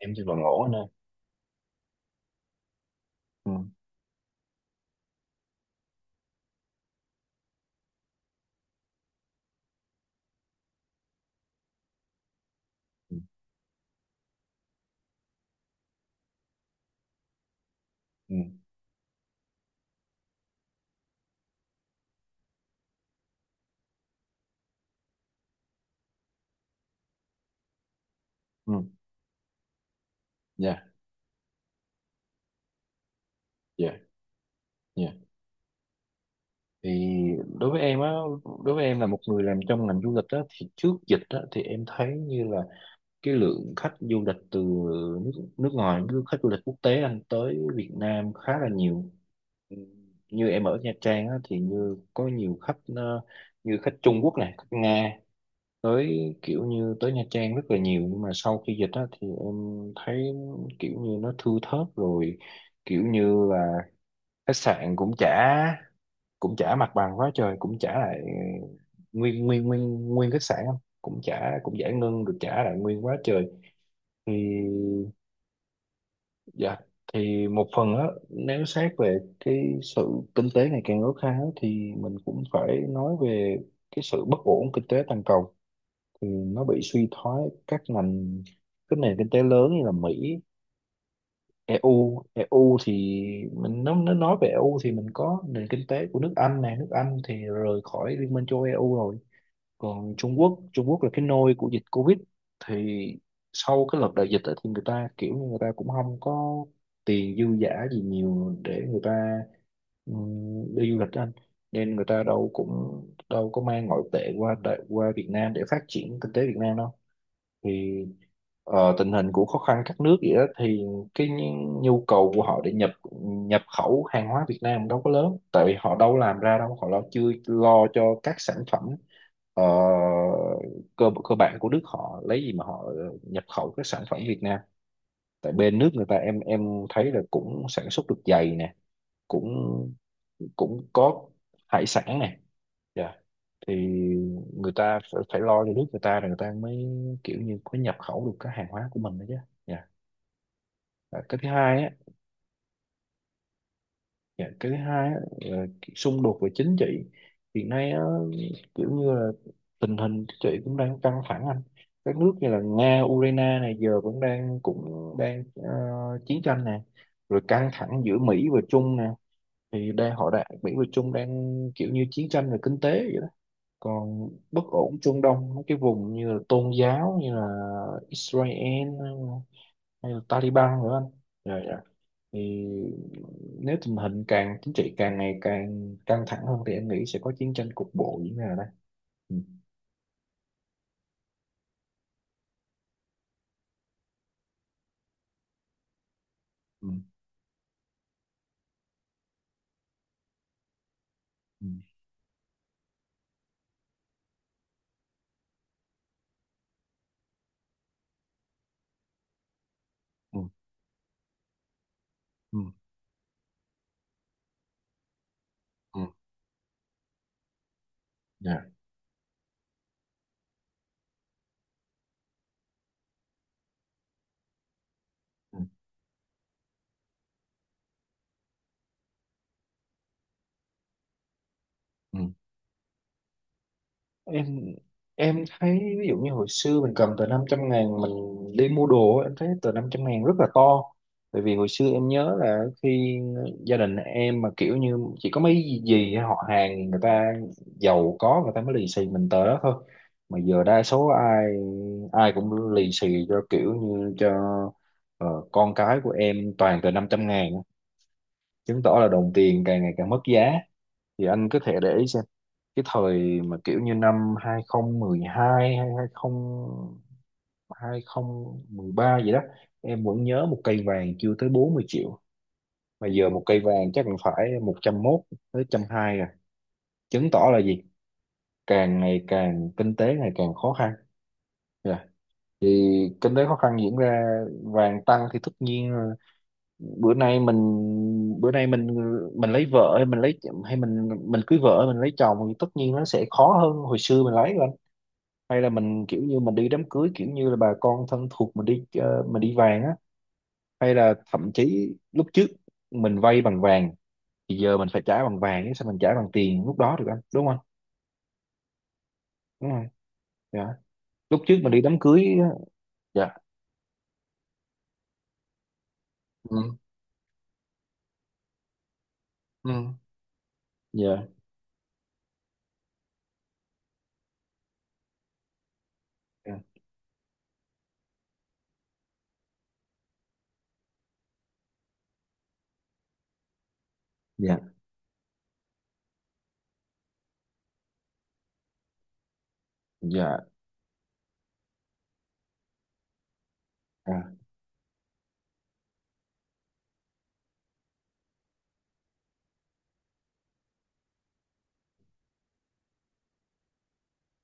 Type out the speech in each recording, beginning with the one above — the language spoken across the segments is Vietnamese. Em thì còn ngủ anh ơi. Ừ. Ừ. Ừ. Ừ. Dạ. Dạ. Dạ. thì đối với em á Đối với em là một người làm trong ngành du lịch á thì trước dịch á thì em thấy như là cái lượng khách du lịch từ nước nước ngoài nước khách du lịch quốc tế anh tới Việt Nam khá là nhiều. Ừ, như em ở Nha Trang á thì như có nhiều khách như khách Trung Quốc này khách Nga tới kiểu như tới Nha Trang rất là nhiều, nhưng mà sau khi dịch á thì em thấy kiểu như nó thưa thớt rồi, kiểu như là khách sạn cũng trả mặt bằng quá trời, cũng trả lại nguyên nguyên nguyên nguyên khách sạn không, cũng giải ngân được trả lại nguyên quá trời. Thì dạ, thì một phần á, nếu xét về cái sự kinh tế ngày càng khó khăn thì mình cũng phải nói về cái sự bất ổn kinh tế toàn cầu, thì nó bị suy thoái các ngành, các nền kinh tế lớn như là Mỹ, EU. Thì mình nó nói về EU thì mình có nền kinh tế của nước Anh này, nước Anh thì rời khỏi Liên minh châu Âu EU rồi. Còn Trung Quốc, Trung Quốc là cái nôi của dịch Covid. Thì sau cái đợt đại dịch ấy, thì người ta kiểu như người ta cũng không có tiền dư dả gì nhiều để người ta đi du lịch đó anh, nên người ta đâu cũng đâu có mang ngoại tệ qua qua Việt Nam để phát triển kinh tế Việt Nam đâu. Thì tình hình của khó khăn các nước vậy đó thì cái nhu nhu cầu của họ để nhập nhập khẩu hàng hóa Việt Nam đâu có lớn, tại vì họ đâu làm ra đâu, họ lo chưa lo cho các sản phẩm ờ, cơ cơ bản của nước họ, lấy gì mà họ nhập khẩu các sản phẩm Việt Nam. Tại bên nước người ta, em thấy là cũng sản xuất được giày nè, cũng cũng có hải sản nè. Dạ. Thì người ta phải, phải lo cho nước người ta rồi người ta mới kiểu như có nhập khẩu được cái hàng hóa của mình đó chứ. Dạ. À, cái thứ hai á. Dạ, cái thứ hai á, là xung đột về chính trị hiện nay á, kiểu như là tình hình chính trị cũng đang căng thẳng anh, các nước như là Nga Ukraine này giờ cũng đang chiến tranh nè, rồi căng thẳng giữa Mỹ và Trung nè, thì đang họ đã Mỹ và Trung đang kiểu như chiến tranh về kinh tế vậy đó, còn bất ổn Trung Đông mấy cái vùng như là tôn giáo như là Israel hay là Taliban nữa anh. Dạ Dạ. Thì nếu tình hình càng chính trị càng ngày càng căng thẳng hơn thì em nghĩ sẽ có chiến tranh cục bộ diễn ra ở đây. Ừ. Ừ. Ừ. Ừ. Ừ. Ừ. Dạ. Ừ. Ừ. em em thấy ví dụ như hồi xưa mình cầm tờ 500.000 mình đi mua đồ á, em thấy tờ 500.000 rất là to, bởi vì hồi xưa em nhớ là khi gia đình em mà kiểu như chỉ có mấy gì họ hàng người ta giàu có người ta mới lì xì mình tờ đó thôi, mà giờ đa số ai ai cũng lì xì cho kiểu như cho con cái của em toàn tờ 500.000, chứng tỏ là đồng tiền càng ngày càng mất giá. Thì anh có thể để ý xem cái thời mà kiểu như năm 2012 hay 20 2013 gì đó, em vẫn nhớ một cây vàng chưa tới 40 triệu, mà giờ một cây vàng chắc cũng phải 101 tới 120 rồi, chứng tỏ là gì, càng ngày càng kinh tế ngày càng khó khăn. Dạ. Thì kinh tế khó khăn diễn ra, vàng tăng thì tất nhiên bữa nay mình bữa nay mình lấy vợ hay mình lấy hay mình cưới vợ hay mình lấy chồng thì tất nhiên nó sẽ khó hơn hồi xưa mình lấy rồi anh. Hay là mình kiểu như mình đi đám cưới kiểu như là bà con thân thuộc mình đi mình đi vàng á, hay là thậm chí lúc trước mình vay bằng vàng thì giờ mình phải trả bằng vàng chứ sao mình trả bằng tiền lúc đó được anh, đúng không. Đúng rồi. Dạ. Lúc trước mình đi đám cưới á. Dạ. Ừ. Ừ. Dạ. Dạ. Dạ. Dạ. À.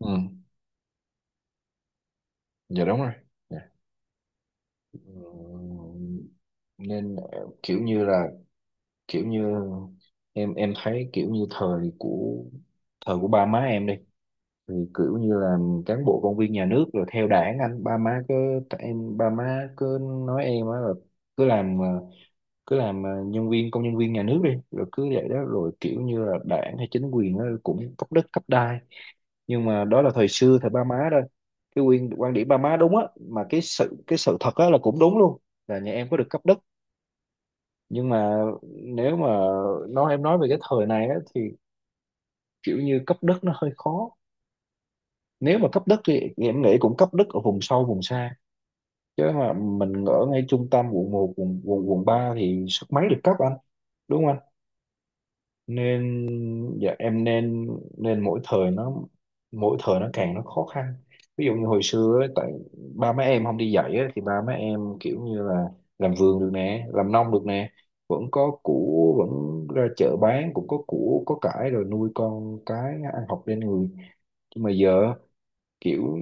Ừ. Dạ. Đúng rồi. Dạ. Ừm, nên kiểu như là kiểu như em thấy kiểu như thời của ba má em đi thì kiểu như là cán bộ công viên nhà nước rồi theo đảng anh, ba má cứ ba má cứ nói em á là cứ làm cứ làm nhân viên công nhân viên nhà nước đi rồi cứ vậy đó rồi kiểu như là đảng hay chính quyền á cũng cấp đất cấp đai, nhưng mà đó là thời xưa thời ba má thôi. Cái quyền quan điểm ba má đúng á, mà cái sự thật á là cũng đúng luôn, là nhà em có được cấp đất, nhưng mà nếu mà nói em nói về cái thời này á, thì kiểu như cấp đất nó hơi khó, nếu mà cấp đất thì em nghĩ cũng cấp đất ở vùng sâu vùng xa, chứ mà mình ở ngay trung tâm quận một quận quận quận 3 thì sức mấy được cấp anh. Đúng. Nên dạ em nên nên mỗi thời nó càng nó khó khăn. Ví dụ như hồi xưa ấy, tại ba má em không đi dạy á, thì ba má em kiểu như là làm vườn được nè làm nông được nè, vẫn có củ vẫn ra chợ bán cũng có củ có cải rồi nuôi con cái ăn học lên người. Nhưng mà giờ kiểu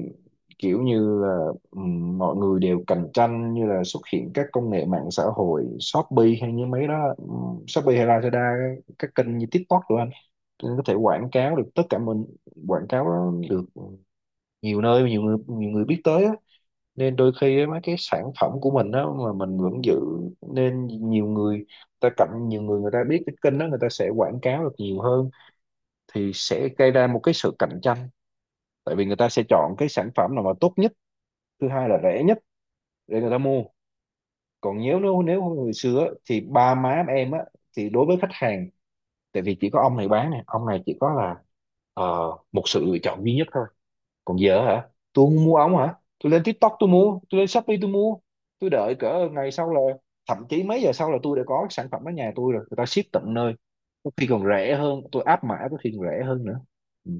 kiểu như là mọi người đều cạnh tranh như là xuất hiện các công nghệ mạng xã hội Shopee hay như mấy đó, Shopee hay Lazada các kênh như TikTok rồi tôi có thể quảng cáo được tất cả, mình quảng cáo nó được nhiều nơi nhiều người biết tới á. Nên đôi khi á, mấy cái sản phẩm của mình đó mà mình vẫn giữ, nên nhiều người ta cạnh nhiều người người ta biết cái kênh đó người ta sẽ quảng cáo được nhiều hơn, thì sẽ gây ra một cái sự cạnh tranh, tại vì người ta sẽ chọn cái sản phẩm nào mà tốt nhất, thứ hai là rẻ nhất, để người ta mua. Còn nếu nếu nếu không người xưa á, thì ba má em á, thì đối với khách hàng tại vì chỉ có ông này bán này ông này chỉ có là ờ, một sự lựa chọn duy nhất thôi. Còn giờ hả tôi không mua ống hả, tôi lên TikTok tôi mua, tôi lên Shopee tôi mua, tôi đợi cỡ ngày sau là thậm chí mấy giờ sau là tôi đã có sản phẩm ở nhà tôi rồi người ta ship tận nơi, có khi còn rẻ hơn tôi áp mã có khi còn rẻ hơn nữa. Ừ.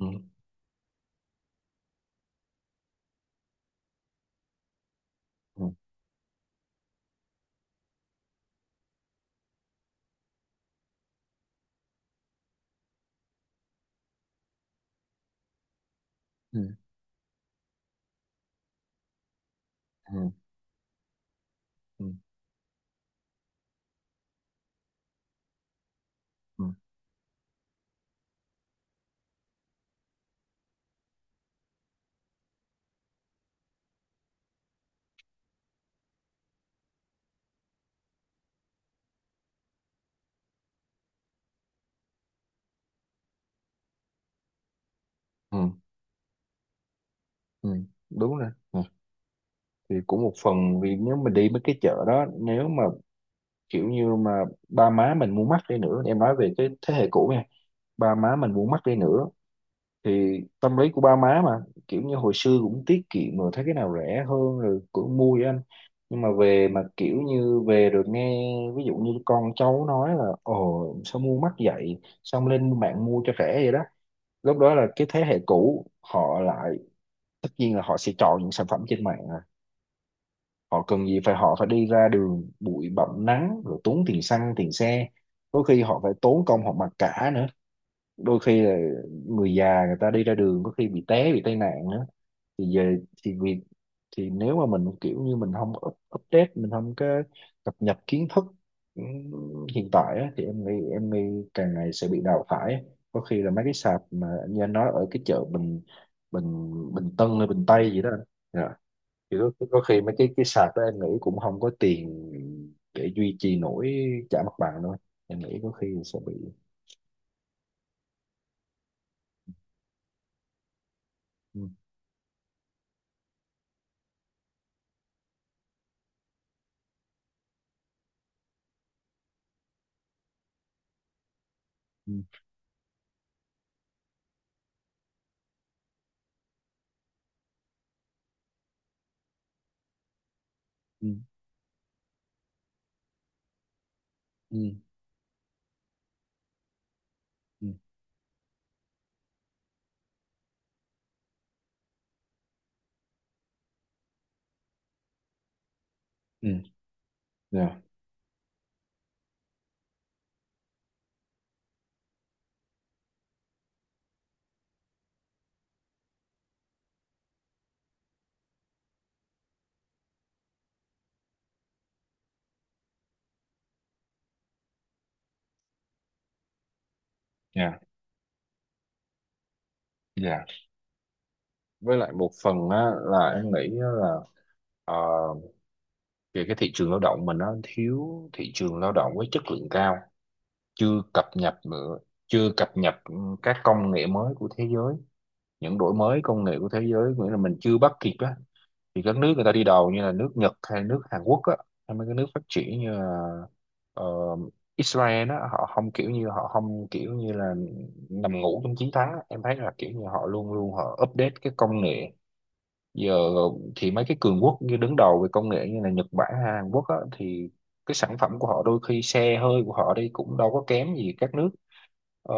Ừ. Ừ. Ừ. Ừ. Ừ. Ừ. Ừ. Ừ. Đúng rồi. Ừ. Thì cũng một phần vì nếu mà đi mấy cái chợ đó, nếu mà kiểu như mà ba má mình mua mắc đi nữa, em nói về cái thế hệ cũ nha, ba má mình mua mắc đi nữa thì tâm lý của ba má mà kiểu như hồi xưa cũng tiết kiệm rồi thấy cái nào rẻ hơn rồi cũng mua với anh, nhưng mà về mà kiểu như về rồi nghe ví dụ như con cháu nói là ồ sao mua mắc vậy, xong lên mạng mua cho rẻ vậy đó, lúc đó là cái thế hệ cũ họ lại tất nhiên là họ sẽ chọn những sản phẩm trên mạng à. Họ cần gì phải họ phải đi ra đường bụi bặm nắng rồi tốn tiền xăng tiền xe, đôi khi họ phải tốn công họ mặc cả nữa, đôi khi là người già người ta đi ra đường có khi bị té bị tai nạn nữa, thì về thì vì thì nếu mà mình kiểu như mình không up, update mình không có cập nhật kiến thức hiện tại á, thì em nghĩ càng ngày sẽ bị đào thải, có khi là mấy cái sạp mà như anh nói ở cái chợ Bình Bình Bình Tân hay Bình Tây gì đó anh. Dạ, thì có khi mấy cái sạp đó em nghĩ cũng không có tiền để duy trì nổi trả mặt bằng đâu, em nghĩ có khi sẽ bị. Ừ. Ừ. Ừ. Ừ. Ừ. Ừ. Dạ. Dạ. Dạ. Với lại một phần á, là em nghĩ á là ờ, về cái thị trường lao động mình nó thiếu thị trường lao động với chất lượng cao chưa cập nhật nữa, chưa cập nhật ừ, các công nghệ mới của thế giới, những đổi mới công nghệ của thế giới, nghĩa là mình chưa bắt kịp á. Thì các nước người ta đi đầu như là nước Nhật hay nước Hàn Quốc á, hay mấy cái nước phát triển như là ờ, Israel á, họ không kiểu như họ không kiểu như là nằm ngủ trong chiến thắng á. Em thấy là kiểu như họ luôn luôn họ update cái công nghệ giờ. Thì mấy cái cường quốc như đứng đầu về công nghệ như là Nhật Bản hay Hàn Quốc á, thì cái sản phẩm của họ đôi khi xe hơi của họ đi cũng đâu có kém gì các nước ờ,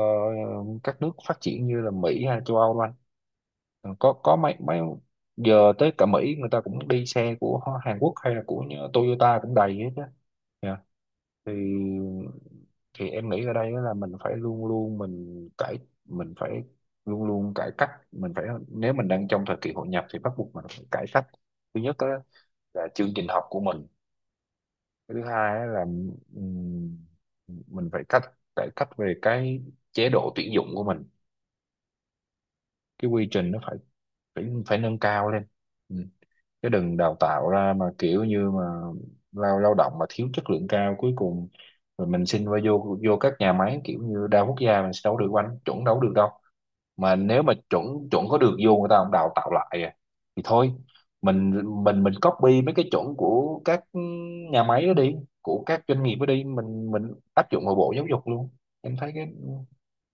các nước phát triển như là Mỹ hay châu Âu đâu anh. Ờ, có mấy mấy giờ tới cả Mỹ người ta cũng đi xe của Hàn Quốc hay là của Toyota cũng đầy hết á. Dạ. Thì em nghĩ ở đây á là mình phải luôn luôn mình phải luôn luôn cải cách, mình phải nếu mình đang trong thời kỳ hội nhập thì bắt buộc mình phải cải cách. Thứ nhất á là chương trình học của mình. Cái thứ hai á là ừm, mình phải cách cải cách về cái chế độ tuyển dụng của mình, cái quy trình nó phải phải phải nâng cao lên, chứ đừng đào tạo ra mà kiểu như mà lao lao động mà thiếu chất lượng cao cuối cùng rồi mình xin vào vô vô các nhà máy kiểu như đa quốc gia mình sẽ đâu được anh, chuẩn đâu được đâu. Mà nếu mà chuẩn chuẩn có được vô người ta không đào tạo lại à, thì thôi mình copy mấy cái chuẩn của các nhà máy đó đi, của các doanh nghiệp đó đi, mình áp dụng vào bộ giáo dục luôn. Em thấy cái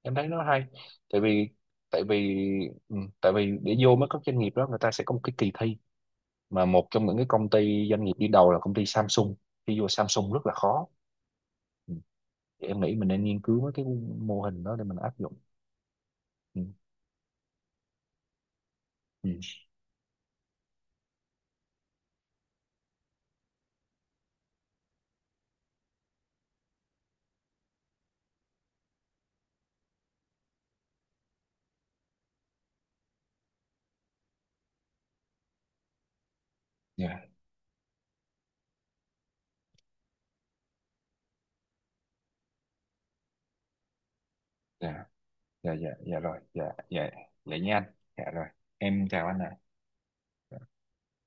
Em thấy nó hay, tại vì tại vì ừ, tại vì để vô mấy các doanh nghiệp đó người ta sẽ có một cái kỳ thi, mà một trong những cái công ty doanh nghiệp đi đầu là công ty Samsung, khi vô Samsung rất là khó. Ừ. Thì em nghĩ mình nên nghiên cứu mấy cái mô hình đó để mình áp dụng. Ừ. Ừ. Dạ. Dạ. Dạ. Dạ. Dạ rồi. Dạ. Dạ. Dạ nha anh. Dạ rồi. Em chào anh ạ.